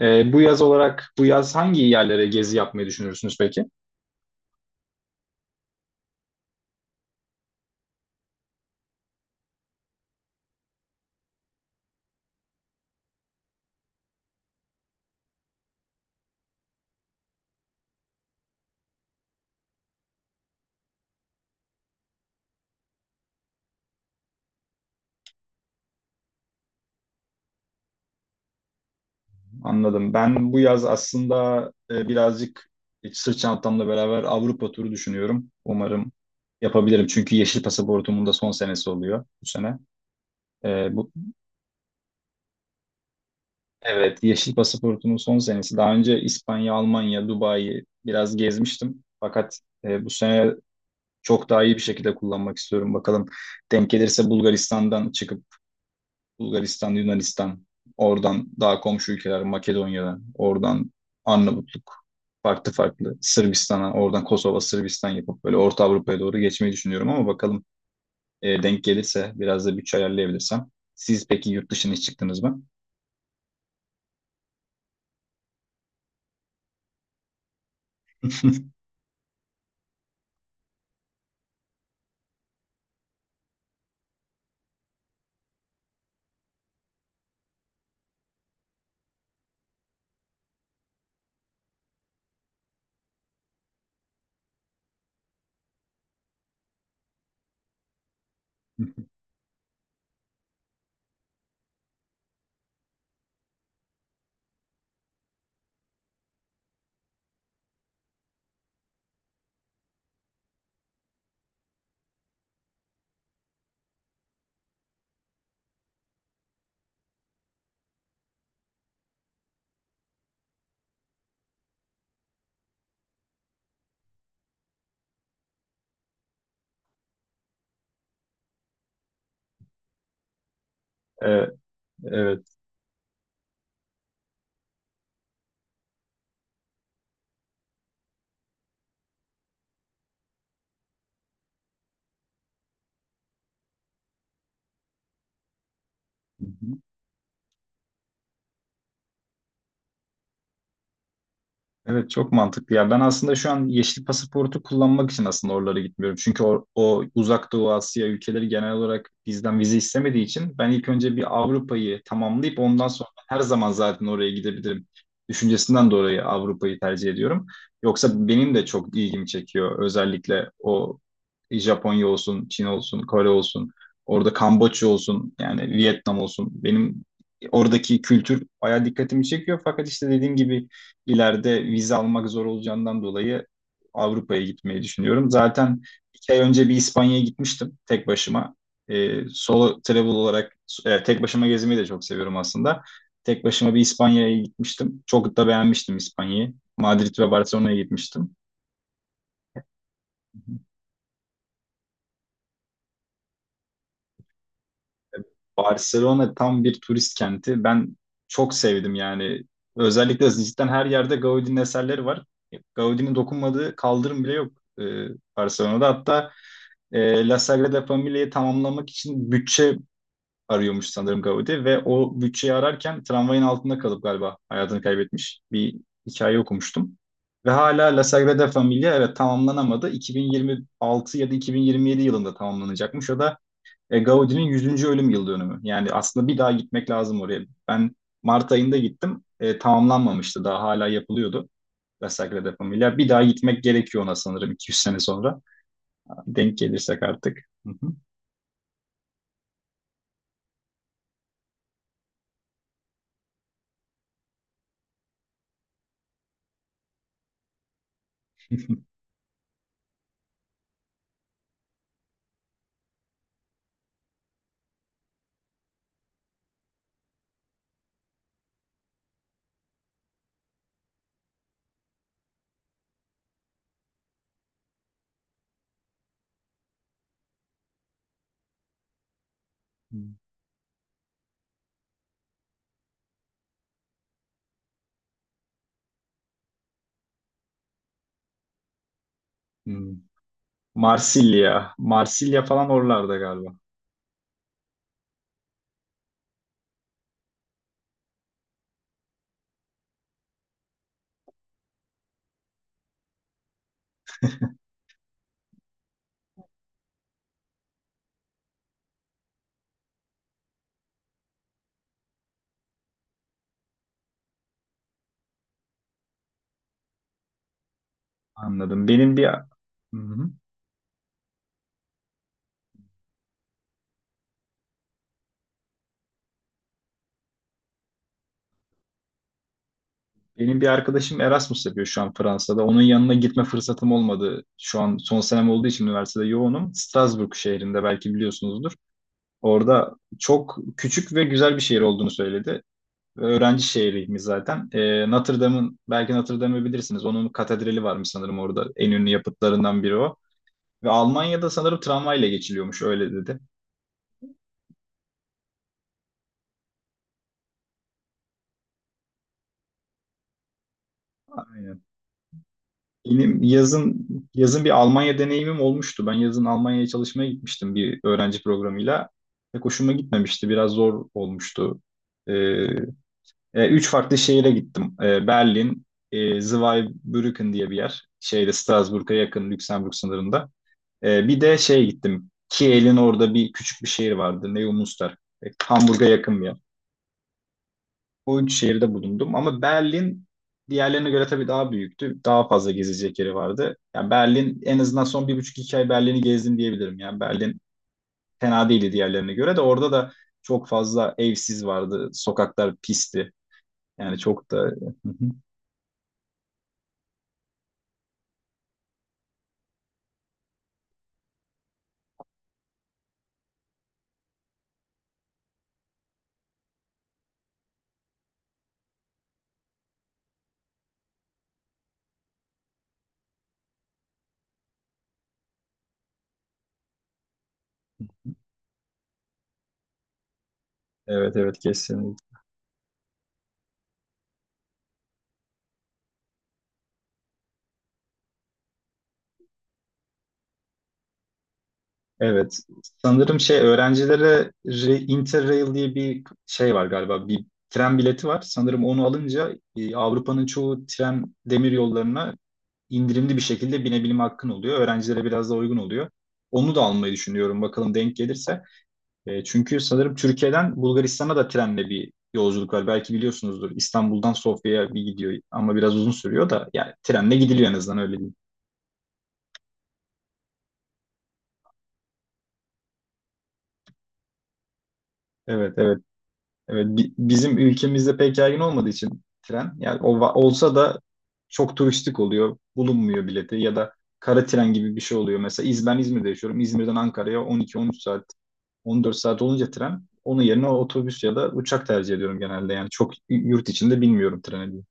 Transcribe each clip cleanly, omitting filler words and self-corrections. Bu yaz hangi yerlere gezi yapmayı düşünürsünüz peki? Anladım. Ben bu yaz aslında, birazcık sırt çantamla beraber Avrupa turu düşünüyorum. Umarım yapabilirim. Çünkü yeşil pasaportumun da son senesi oluyor bu sene. E, bu, Evet, yeşil pasaportumun son senesi. Daha önce İspanya, Almanya, Dubai'yi biraz gezmiştim. Fakat bu sene çok daha iyi bir şekilde kullanmak istiyorum. Bakalım, denk gelirse Bulgaristan'dan çıkıp Bulgaristan, Yunanistan, oradan daha komşu ülkeler Makedonya'dan, oradan Arnavutluk, farklı farklı Sırbistan'a, oradan Kosova, Sırbistan yapıp böyle Orta Avrupa'ya doğru geçmeyi düşünüyorum ama bakalım, denk gelirse biraz da bütçe ayarlayabilirsem. Siz peki yurt dışına hiç çıktınız mı? Evet. Evet. Evet, çok mantıklı ya. Ben aslında şu an yeşil pasaportu kullanmak için aslında oralara gitmiyorum. Çünkü o Uzak Doğu Asya ülkeleri genel olarak bizden vize istemediği için, ben ilk önce bir Avrupa'yı tamamlayıp ondan sonra her zaman zaten oraya gidebilirim. Düşüncesinden dolayı Avrupa'yı tercih ediyorum. Yoksa benim de çok ilgimi çekiyor. Özellikle o Japonya olsun, Çin olsun, Kore olsun, orada Kamboçya olsun, yani Vietnam olsun. Benim oradaki kültür bayağı dikkatimi çekiyor. Fakat işte dediğim gibi, ileride vize almak zor olacağından dolayı Avrupa'ya gitmeyi düşünüyorum. Zaten 2 ay önce bir İspanya'ya gitmiştim tek başıma. Solo travel olarak, tek başıma gezmeyi de çok seviyorum aslında. Tek başıma bir İspanya'ya gitmiştim. Çok da beğenmiştim İspanya'yı. Madrid ve Barcelona'ya gitmiştim. Barcelona tam bir turist kenti. Ben çok sevdim yani. Özellikle cidden her yerde Gaudi'nin eserleri var. Gaudi'nin dokunmadığı kaldırım bile yok, e, Barcelona'da. Hatta La Sagrada Familia'yı tamamlamak için bütçe arıyormuş sanırım Gaudi, ve o bütçeyi ararken tramvayın altında kalıp galiba hayatını kaybetmiş. Bir hikaye okumuştum. Ve hala La Sagrada Familia, evet, tamamlanamadı. 2026 ya da 2027 yılında tamamlanacakmış. O da Gaudi'nin 100. ölüm yıl dönümü. Yani aslında bir daha gitmek lazım oraya. Ben Mart ayında gittim. Tamamlanmamıştı. Daha hala yapılıyordu, La Sagrada Familia. Bir daha gitmek gerekiyor ona sanırım 200 sene sonra. Denk gelirsek artık. Hı hı. Hmm. Marsilya. Marsilya falan oralarda galiba. Anladım. Benim bir Hı-hı. Benim bir arkadaşım Erasmus yapıyor şu an Fransa'da. Onun yanına gitme fırsatım olmadı. Şu an son senem olduğu için üniversitede yoğunum. Strasbourg şehrinde, belki biliyorsunuzdur. Orada çok küçük ve güzel bir şehir olduğunu söyledi. Ve öğrenci şehriymiş zaten. Notre Dame'ın, belki Notre Dame'ı bilirsiniz. Onun katedrali varmış sanırım orada. En ünlü yapıtlarından biri o. Ve Almanya'da sanırım tramvayla geçiliyormuş, öyle dedi. Benim yazın, bir Almanya deneyimim olmuştu. Ben yazın Almanya'ya çalışmaya gitmiştim bir öğrenci programıyla. Pek hoşuma gitmemişti. Biraz zor olmuştu. Ee, Üç farklı şehire gittim. Berlin, Zweibrücken diye bir yer. Şeyde, Strasbourg'a yakın, Lüksemburg sınırında. Bir de şeye gittim. Kiel'in orada bir küçük bir şehir vardı, Neumünster. Hamburg'a yakın bir yer. O üç şehirde bulundum ama Berlin diğerlerine göre tabii daha büyüktü. Daha fazla gezecek yeri vardı. Yani Berlin, en azından son bir buçuk iki ay Berlin'i gezdim diyebilirim. Yani Berlin fena değildi diğerlerine göre, de orada da çok fazla evsiz vardı. Sokaklar pisti. Yani çok da evet, evet, kesinlikle. Evet. Sanırım şey, öğrencilere Interrail diye bir şey var galiba. Bir tren bileti var. Sanırım onu alınca, Avrupa'nın çoğu tren demir yollarına indirimli bir şekilde binebilme hakkın oluyor. Öğrencilere biraz daha uygun oluyor. Onu da almayı düşünüyorum, bakalım denk gelirse. E, çünkü sanırım Türkiye'den Bulgaristan'a da trenle bir yolculuk var. Belki biliyorsunuzdur. İstanbul'dan Sofya'ya bir gidiyor ama biraz uzun sürüyor da, yani trenle gidiliyor, en azından öyle diyeyim. Evet, evet. Evet. Bizim ülkemizde pek yaygın olmadığı için tren, yani o olsa da çok turistik oluyor. Bulunmuyor bileti, ya da kara tren gibi bir şey oluyor. Mesela ben İzmir'de yaşıyorum. İzmir'den Ankara'ya 12-13 saat, 14 saat olunca tren, onun yerine otobüs ya da uçak tercih ediyorum genelde. Yani çok yurt içinde bilmiyorum treni.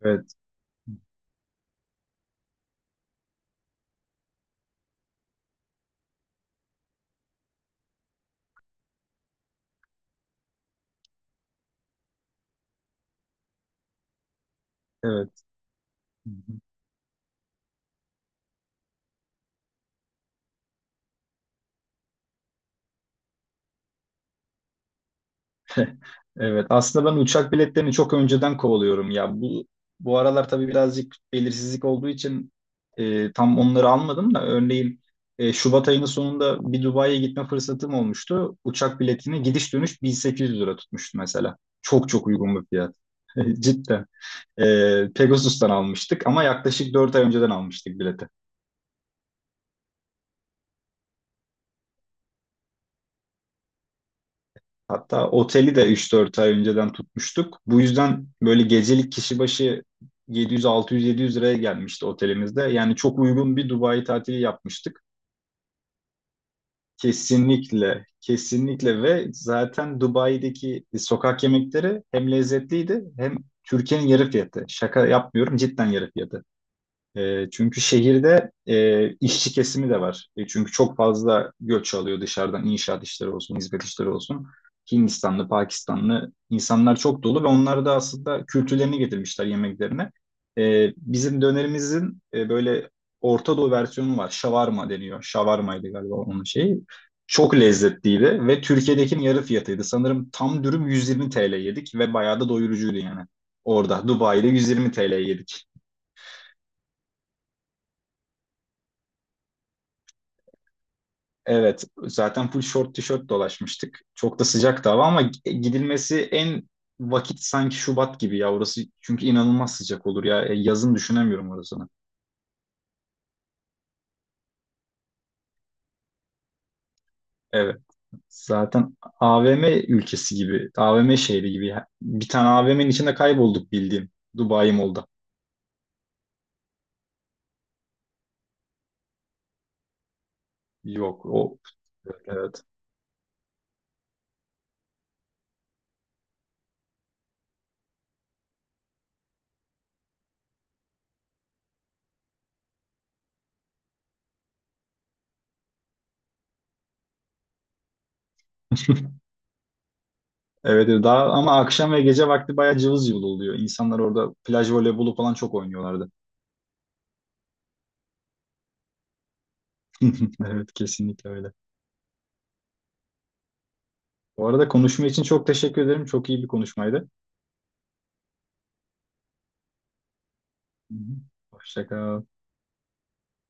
Evet, evet. Hı hı. Evet. Aslında ben uçak biletlerini çok önceden kovalıyorum ya. Bu aralar tabii birazcık belirsizlik olduğu için, tam onları almadım da, örneğin Şubat ayının sonunda bir Dubai'ye gitme fırsatım olmuştu. Uçak biletini gidiş dönüş 1800 lira tutmuştu mesela. Çok çok uygun bir fiyat. Cidden. E, Pegasus'tan almıştık, ama yaklaşık 4 ay önceden almıştık bileti. Hatta oteli de 3-4 ay önceden tutmuştuk. Bu yüzden böyle gecelik kişi başı 700, 600, 700 liraya gelmişti otelimizde. Yani çok uygun bir Dubai tatili yapmıştık. Kesinlikle, kesinlikle, ve zaten Dubai'deki sokak yemekleri hem lezzetliydi, hem Türkiye'nin yarı fiyatı. Şaka yapmıyorum, cidden yarı fiyatı. Çünkü şehirde, işçi kesimi de var. Çünkü çok fazla göç alıyor dışarıdan, inşaat işleri olsun, hizmet işleri olsun. Hindistanlı, Pakistanlı insanlar çok dolu ve onlar da aslında kültürlerini getirmişler yemeklerine. Bizim dönerimizin, böyle Orta Doğu versiyonu var. Şavarma deniyor. Şavarmaydı galiba onun şeyi. Çok lezzetliydi ve Türkiye'dekinin yarı fiyatıydı. Sanırım tam dürüm 120 TL yedik ve bayağı da doyurucuydu yani. Orada Dubai'de 120 TL yedik. Evet, zaten full short tişört dolaşmıştık. Çok da sıcaktı hava, ama gidilmesi en vakit sanki Şubat gibi ya orası. Çünkü inanılmaz sıcak olur ya. Yazın düşünemiyorum orasını. Evet. Zaten AVM ülkesi gibi, AVM şehri gibi. Bir tane AVM'nin içinde kaybolduk bildiğim, Dubai Mall'da. Yok, o. Evet. Evet, evet. Daha ama akşam ve gece vakti bayağı cıvıl cıvıl oluyor. İnsanlar orada plaj voleybolu falan çok oynuyorlardı. Evet, kesinlikle öyle. Bu arada, konuşma için çok teşekkür ederim. Çok iyi bir konuşmaydı. Hı hı. Hoşça kal.